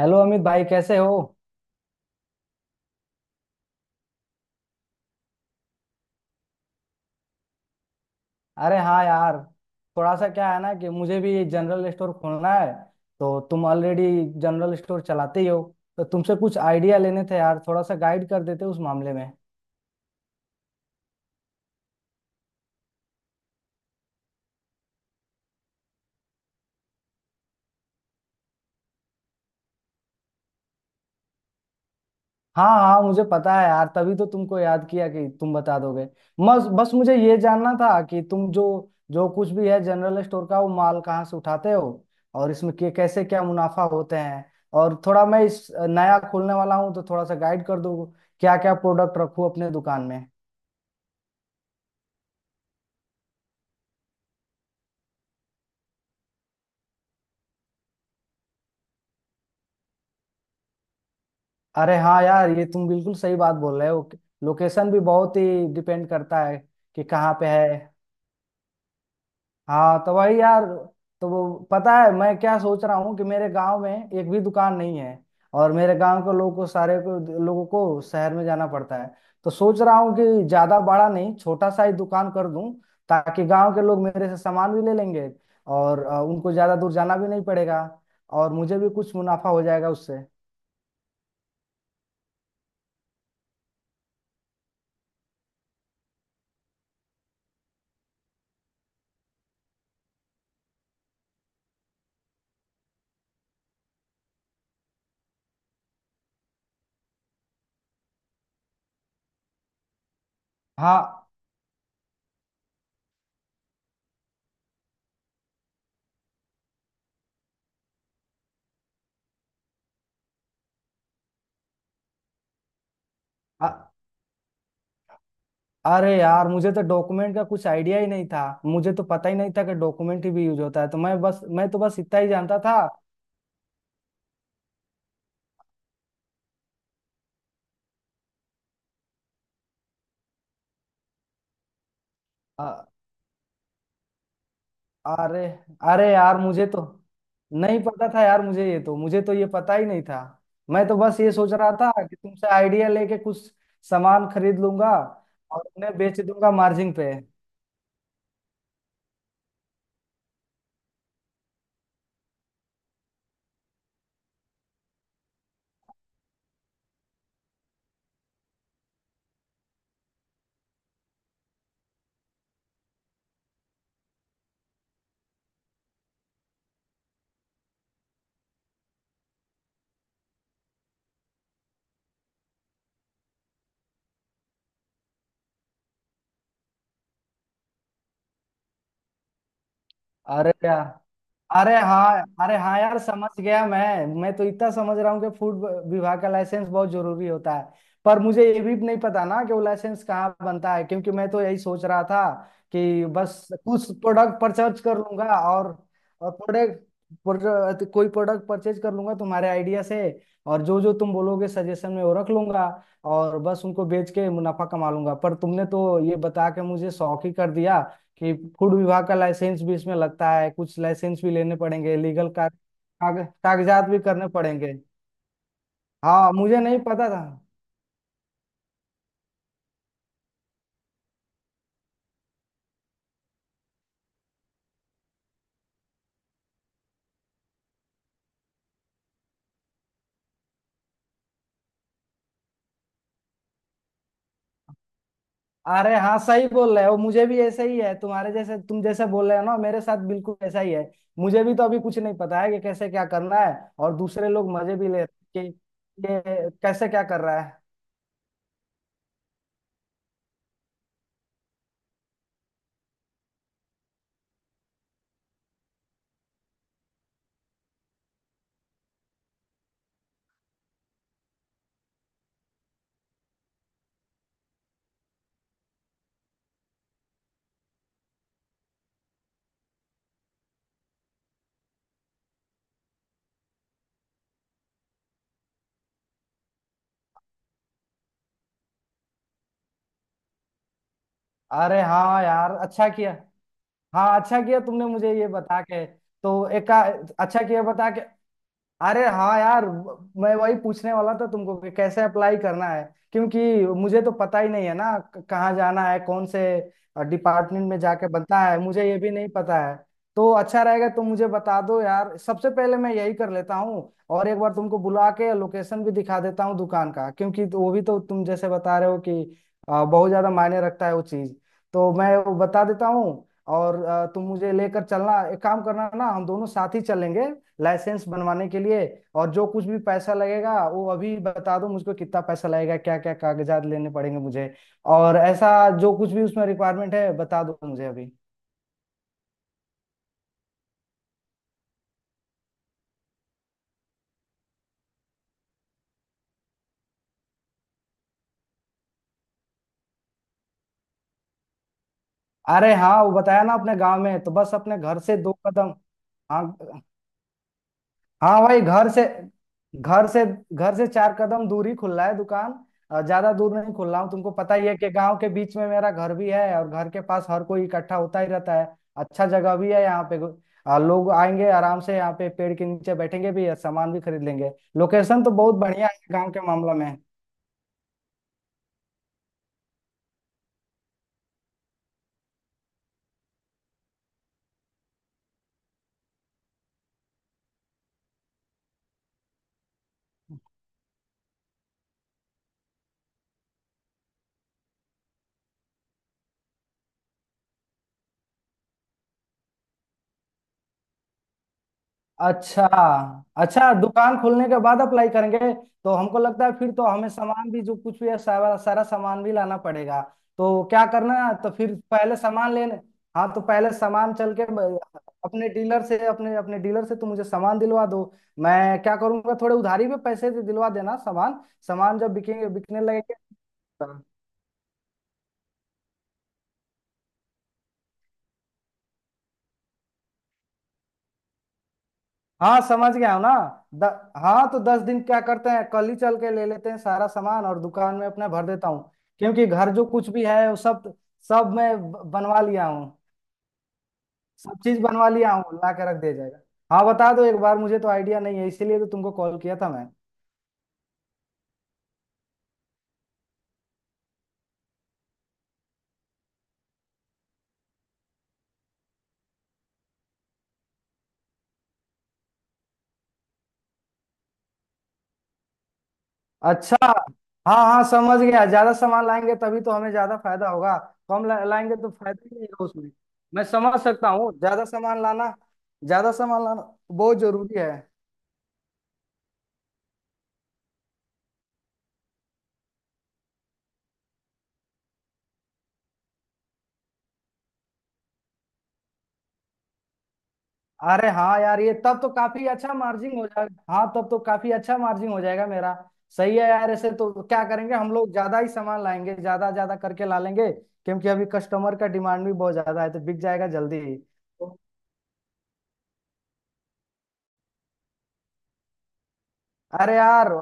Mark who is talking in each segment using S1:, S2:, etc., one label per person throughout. S1: Hello Amit भाई कैसे हो। अरे हाँ यार, थोड़ा सा क्या है ना कि मुझे भी जनरल स्टोर खोलना है। तो तुम ऑलरेडी जनरल स्टोर चलाते ही हो, तो तुमसे कुछ आइडिया लेने थे यार, थोड़ा सा गाइड कर देते उस मामले में। हाँ हाँ, मुझे पता है यार, तभी तो तुमको याद किया कि तुम बता दोगे। बस बस मुझे ये जानना था कि तुम जो जो कुछ भी है जनरल स्टोर का, वो माल कहाँ से उठाते हो और इसमें कैसे क्या मुनाफा होते हैं। और थोड़ा मैं इस नया खोलने वाला हूँ तो थोड़ा सा गाइड कर दो, क्या क्या प्रोडक्ट रखूँ अपने दुकान में। अरे हाँ यार, ये तुम बिल्कुल सही बात बोल रहे हो, लोकेशन भी बहुत ही डिपेंड करता है कि कहाँ पे है। हाँ तो वही यार, तो वो पता है मैं क्या सोच रहा हूँ कि मेरे गांव में एक भी दुकान नहीं है और मेरे गांव के लोगों को, सारे को लोगों को शहर में जाना पड़ता है। तो सोच रहा हूँ कि ज्यादा बड़ा नहीं, छोटा सा ही दुकान कर दूं, ताकि गांव के लोग मेरे से सामान भी ले लेंगे और उनको ज्यादा दूर जाना भी नहीं पड़ेगा और मुझे भी कुछ मुनाफा हो जाएगा उससे। हाँ। अ- अरे यार, मुझे तो डॉक्यूमेंट का कुछ आइडिया ही नहीं था, मुझे तो पता ही नहीं था कि डॉक्यूमेंट ही भी यूज होता है। तो मैं बस, मैं तो बस इतना ही जानता था। अरे। अरे यार मुझे तो नहीं पता था यार, मुझे तो ये पता ही नहीं था। मैं तो बस ये सोच रहा था कि तुमसे आइडिया लेके कुछ सामान खरीद लूंगा और उन्हें बेच दूंगा मार्जिन पे। अरे क्या। अरे हाँ, अरे हाँ यार, समझ गया। मैं तो इतना समझ रहा हूँ कि फूड विभाग का लाइसेंस बहुत जरूरी होता है, पर मुझे ये भी नहीं पता ना कि वो लाइसेंस कहाँ बनता है, क्योंकि मैं तो यही सोच रहा था कि बस कुछ प्रोडक्ट परचेज कर लूंगा और और प्रोडक्ट, कोई प्रोडक्ट परचेज कर लूंगा तुम्हारे आइडिया से, और जो जो तुम बोलोगे सजेशन में वो रख लूंगा और बस उनको बेच के मुनाफा कमा लूंगा। पर तुमने तो ये बता के मुझे शौक ही कर दिया कि फूड विभाग का लाइसेंस भी इसमें लगता है, कुछ लाइसेंस भी लेने पड़ेंगे, लीगल का कागजात भी करने पड़ेंगे। हाँ, मुझे नहीं पता था। अरे हाँ, सही बोल रहे हो, मुझे भी ऐसा ही है तुम्हारे जैसे, तुम जैसे बोल रहे हो ना, मेरे साथ बिल्कुल ऐसा ही है। मुझे भी तो अभी कुछ नहीं पता है कि कैसे क्या करना है, और दूसरे लोग मजे भी ले रहे हैं कि ये कैसे क्या कर रहा है। अरे हाँ यार, अच्छा किया। हाँ, अच्छा किया तुमने मुझे ये बता के। तो एक का, अच्छा किया बता के। अरे हाँ यार, मैं वही पूछने वाला था तुमको कि कैसे अप्लाई करना है, क्योंकि मुझे तो पता ही नहीं है ना कहाँ जाना है, कौन से डिपार्टमेंट में जाके बनता है, मुझे ये भी नहीं पता है। तो अच्छा रहेगा तुम मुझे बता दो यार, सबसे पहले मैं यही कर लेता हूँ, और एक बार तुमको बुला के लोकेशन भी दिखा देता हूँ दुकान का, क्योंकि तो वो भी तो तुम जैसे बता रहे हो कि बहुत ज्यादा मायने रखता है वो चीज, तो मैं वो बता देता हूँ। और तुम मुझे लेकर चलना, एक काम करना ना, हम दोनों साथ ही चलेंगे लाइसेंस बनवाने के लिए। और जो कुछ भी पैसा लगेगा वो अभी बता दो मुझको, कितना पैसा लगेगा, क्या क्या कागजात लेने पड़ेंगे मुझे, और ऐसा जो कुछ भी उसमें रिक्वायरमेंट है बता दो मुझे अभी। अरे हाँ, वो बताया ना, अपने गांव में, तो बस अपने घर से दो कदम। हाँ। हाँ भाई, घर से घर से चार कदम दूर ही खुला है दुकान। ज्यादा दूर नहीं खुल रहा हूँ, तुमको पता ही है कि गांव के बीच में मेरा घर भी है और घर के पास हर कोई इकट्ठा होता ही रहता है। अच्छा जगह भी है यहाँ पे, लोग आएंगे आराम से, यहाँ पे पेड़ के नीचे बैठेंगे भी और सामान भी खरीद लेंगे। लोकेशन तो बहुत बढ़िया है गाँव के मामला में। अच्छा, अच्छा, दुकान खोलने के बाद अप्लाई करेंगे। तो हमको लगता है फिर तो हमें सामान भी जो कुछ भी है, सारा सारा सामान भी लाना पड़ेगा। तो क्या करना है, तो फिर पहले सामान लेने। हाँ, तो पहले सामान चल के अपने डीलर से, अपने अपने डीलर से तुम मुझे सामान दिलवा दो। मैं क्या करूंगा, थोड़े उधारी में पैसे दिलवा देना सामान, सामान जब बिकेंगे, बिकने लगेंगे। हाँ, समझ गया हूँ ना। द, हाँ, तो 10 दिन क्या करते हैं, कल ही चल के ले लेते हैं सारा सामान, और दुकान में अपना भर देता हूँ। क्योंकि घर जो कुछ भी है वो सब सब मैं बनवा लिया हूँ, सब चीज बनवा लिया हूँ, ला के रख दिया जाएगा। हाँ, बता दो एक बार, मुझे तो आइडिया नहीं है, इसीलिए तो तुमको कॉल किया था मैं। अच्छा। हाँ हाँ, समझ गया, ज्यादा सामान लाएंगे तभी तो हमें ज्यादा फायदा होगा, लाएंगे तो फायदा ही नहीं होगा उसमें। मैं समझ सकता हूँ, ज्यादा सामान लाना, ज्यादा सामान लाना बहुत जरूरी है। अरे हाँ यार, ये तब तो काफी अच्छा मार्जिन हो जाएगा, हाँ तब तो काफी अच्छा मार्जिन हो जाएगा मेरा। सही है यार, ऐसे तो क्या करेंगे हम लोग, ज्यादा ही सामान लाएंगे, ज्यादा ज्यादा करके ला लेंगे, क्योंकि अभी कस्टमर का डिमांड भी बहुत ज्यादा है, तो बिक जाएगा जल्दी ही तो। अरे यार,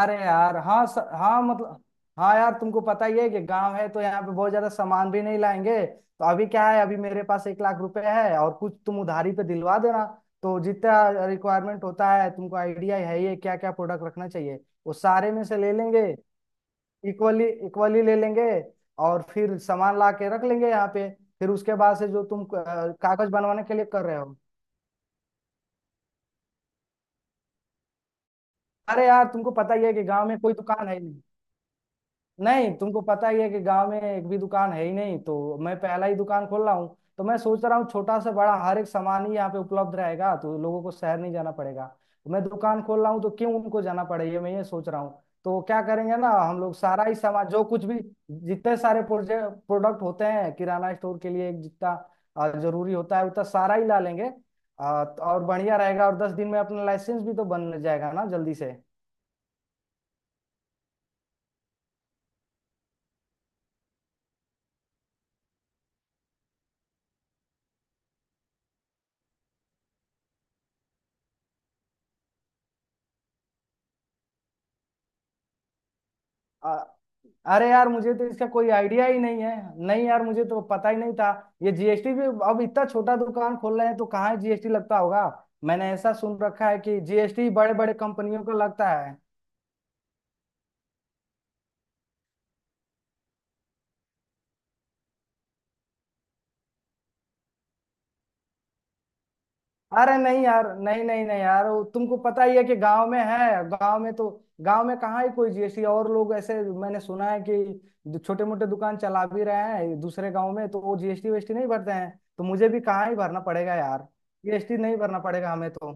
S1: अरे यार हाँ, हाँ मतलब, हाँ यार तुमको पता ही है कि गांव है, तो यहाँ पे बहुत ज्यादा सामान भी नहीं लाएंगे, तो अभी क्या है, अभी मेरे पास 1 लाख रुपए है और कुछ तुम उधारी पे दिलवा देना। तो जितना रिक्वायरमेंट होता है, तुमको आइडिया है ही क्या क्या प्रोडक्ट रखना चाहिए, वो सारे में से ले लेंगे, इक्वली इक्वली ले लेंगे, और फिर सामान ला के रख लेंगे यहाँ पे। फिर उसके बाद से जो तुम कागज बनवाने के लिए कर रहे हो। अरे यार तुमको पता ही है कि गांव में कोई दुकान है ही नहीं, तुमको पता ही है कि गांव में एक भी दुकान है ही नहीं, तो मैं पहला ही दुकान खोल रहा हूँ, तो मैं सोच रहा हूँ छोटा से बड़ा हर एक सामान ही यहाँ पे उपलब्ध रहेगा, तो लोगों को शहर नहीं जाना पड़ेगा। तो मैं दुकान खोल रहा हूँ तो क्यों उनको जाना पड़े, ये मैं ये सोच रहा हूँ। तो क्या करेंगे ना हम लोग, सारा ही सामान जो कुछ भी, जितने सारे प्रोजेक्ट प्रोडक्ट होते हैं किराना स्टोर के लिए, जितना जरूरी होता है उतना सारा ही ला लेंगे। तो और बढ़िया रहेगा, और 10 दिन में अपना लाइसेंस भी तो बन जाएगा ना जल्दी से। आ, अरे यार मुझे तो इसका कोई आइडिया ही नहीं है, नहीं यार मुझे तो पता ही नहीं था। ये जीएसटी भी, अब इतना छोटा दुकान खोल रहे हैं तो कहाँ जीएसटी लगता होगा, मैंने ऐसा सुन रखा है कि जीएसटी बड़े बड़े कंपनियों को लगता है। अरे नहीं यार, नहीं नहीं नहीं यार, वो तुमको पता ही है कि गांव में है, गांव में तो गांव में कहाँ ही कोई जीएसटी, और लोग ऐसे, मैंने सुना है कि छोटे मोटे दुकान चला भी रहे हैं दूसरे गांव में, तो वो जीएसटी वीएसटी नहीं भरते हैं, तो मुझे भी कहाँ ही भरना पड़ेगा यार, जीएसटी नहीं भरना पड़ेगा हमें तो।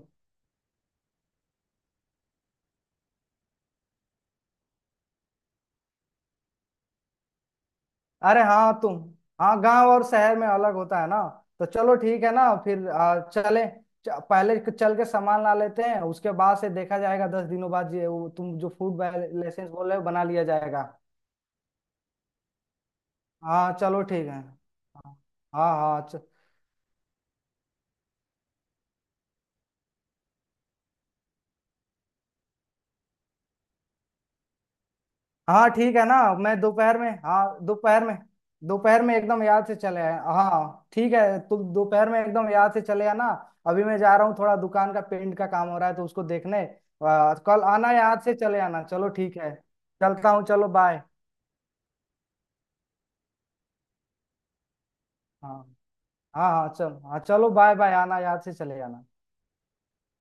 S1: अरे हाँ तुम, हाँ गांव और शहर में अलग होता है ना। तो चलो ठीक है ना, फिर चले, पहले चल के सामान ला लेते हैं, उसके बाद से देखा जाएगा, 10 दिनों बाद ये वो तुम जो फूड लाइसेंस बोल रहे हो बना लिया जाएगा। हाँ चलो ठीक है, हाँ। हाँ हाँ, हाँ ठीक है ना, मैं दोपहर में, हाँ दोपहर में, दोपहर में एकदम याद से चले आए, हाँ ठीक है, तुम दोपहर में एकदम याद से चले आना। अभी मैं जा रहा हूँ, थोड़ा दुकान का पेंट का काम हो रहा है तो उसको देखने। कल आना, याद से चले आना, चलो ठीक है। चलता हूँ, चलो बाय। हाँ। हाँ हाँ चलो, हाँ चलो बाय बाय, आना, याद से चले आना।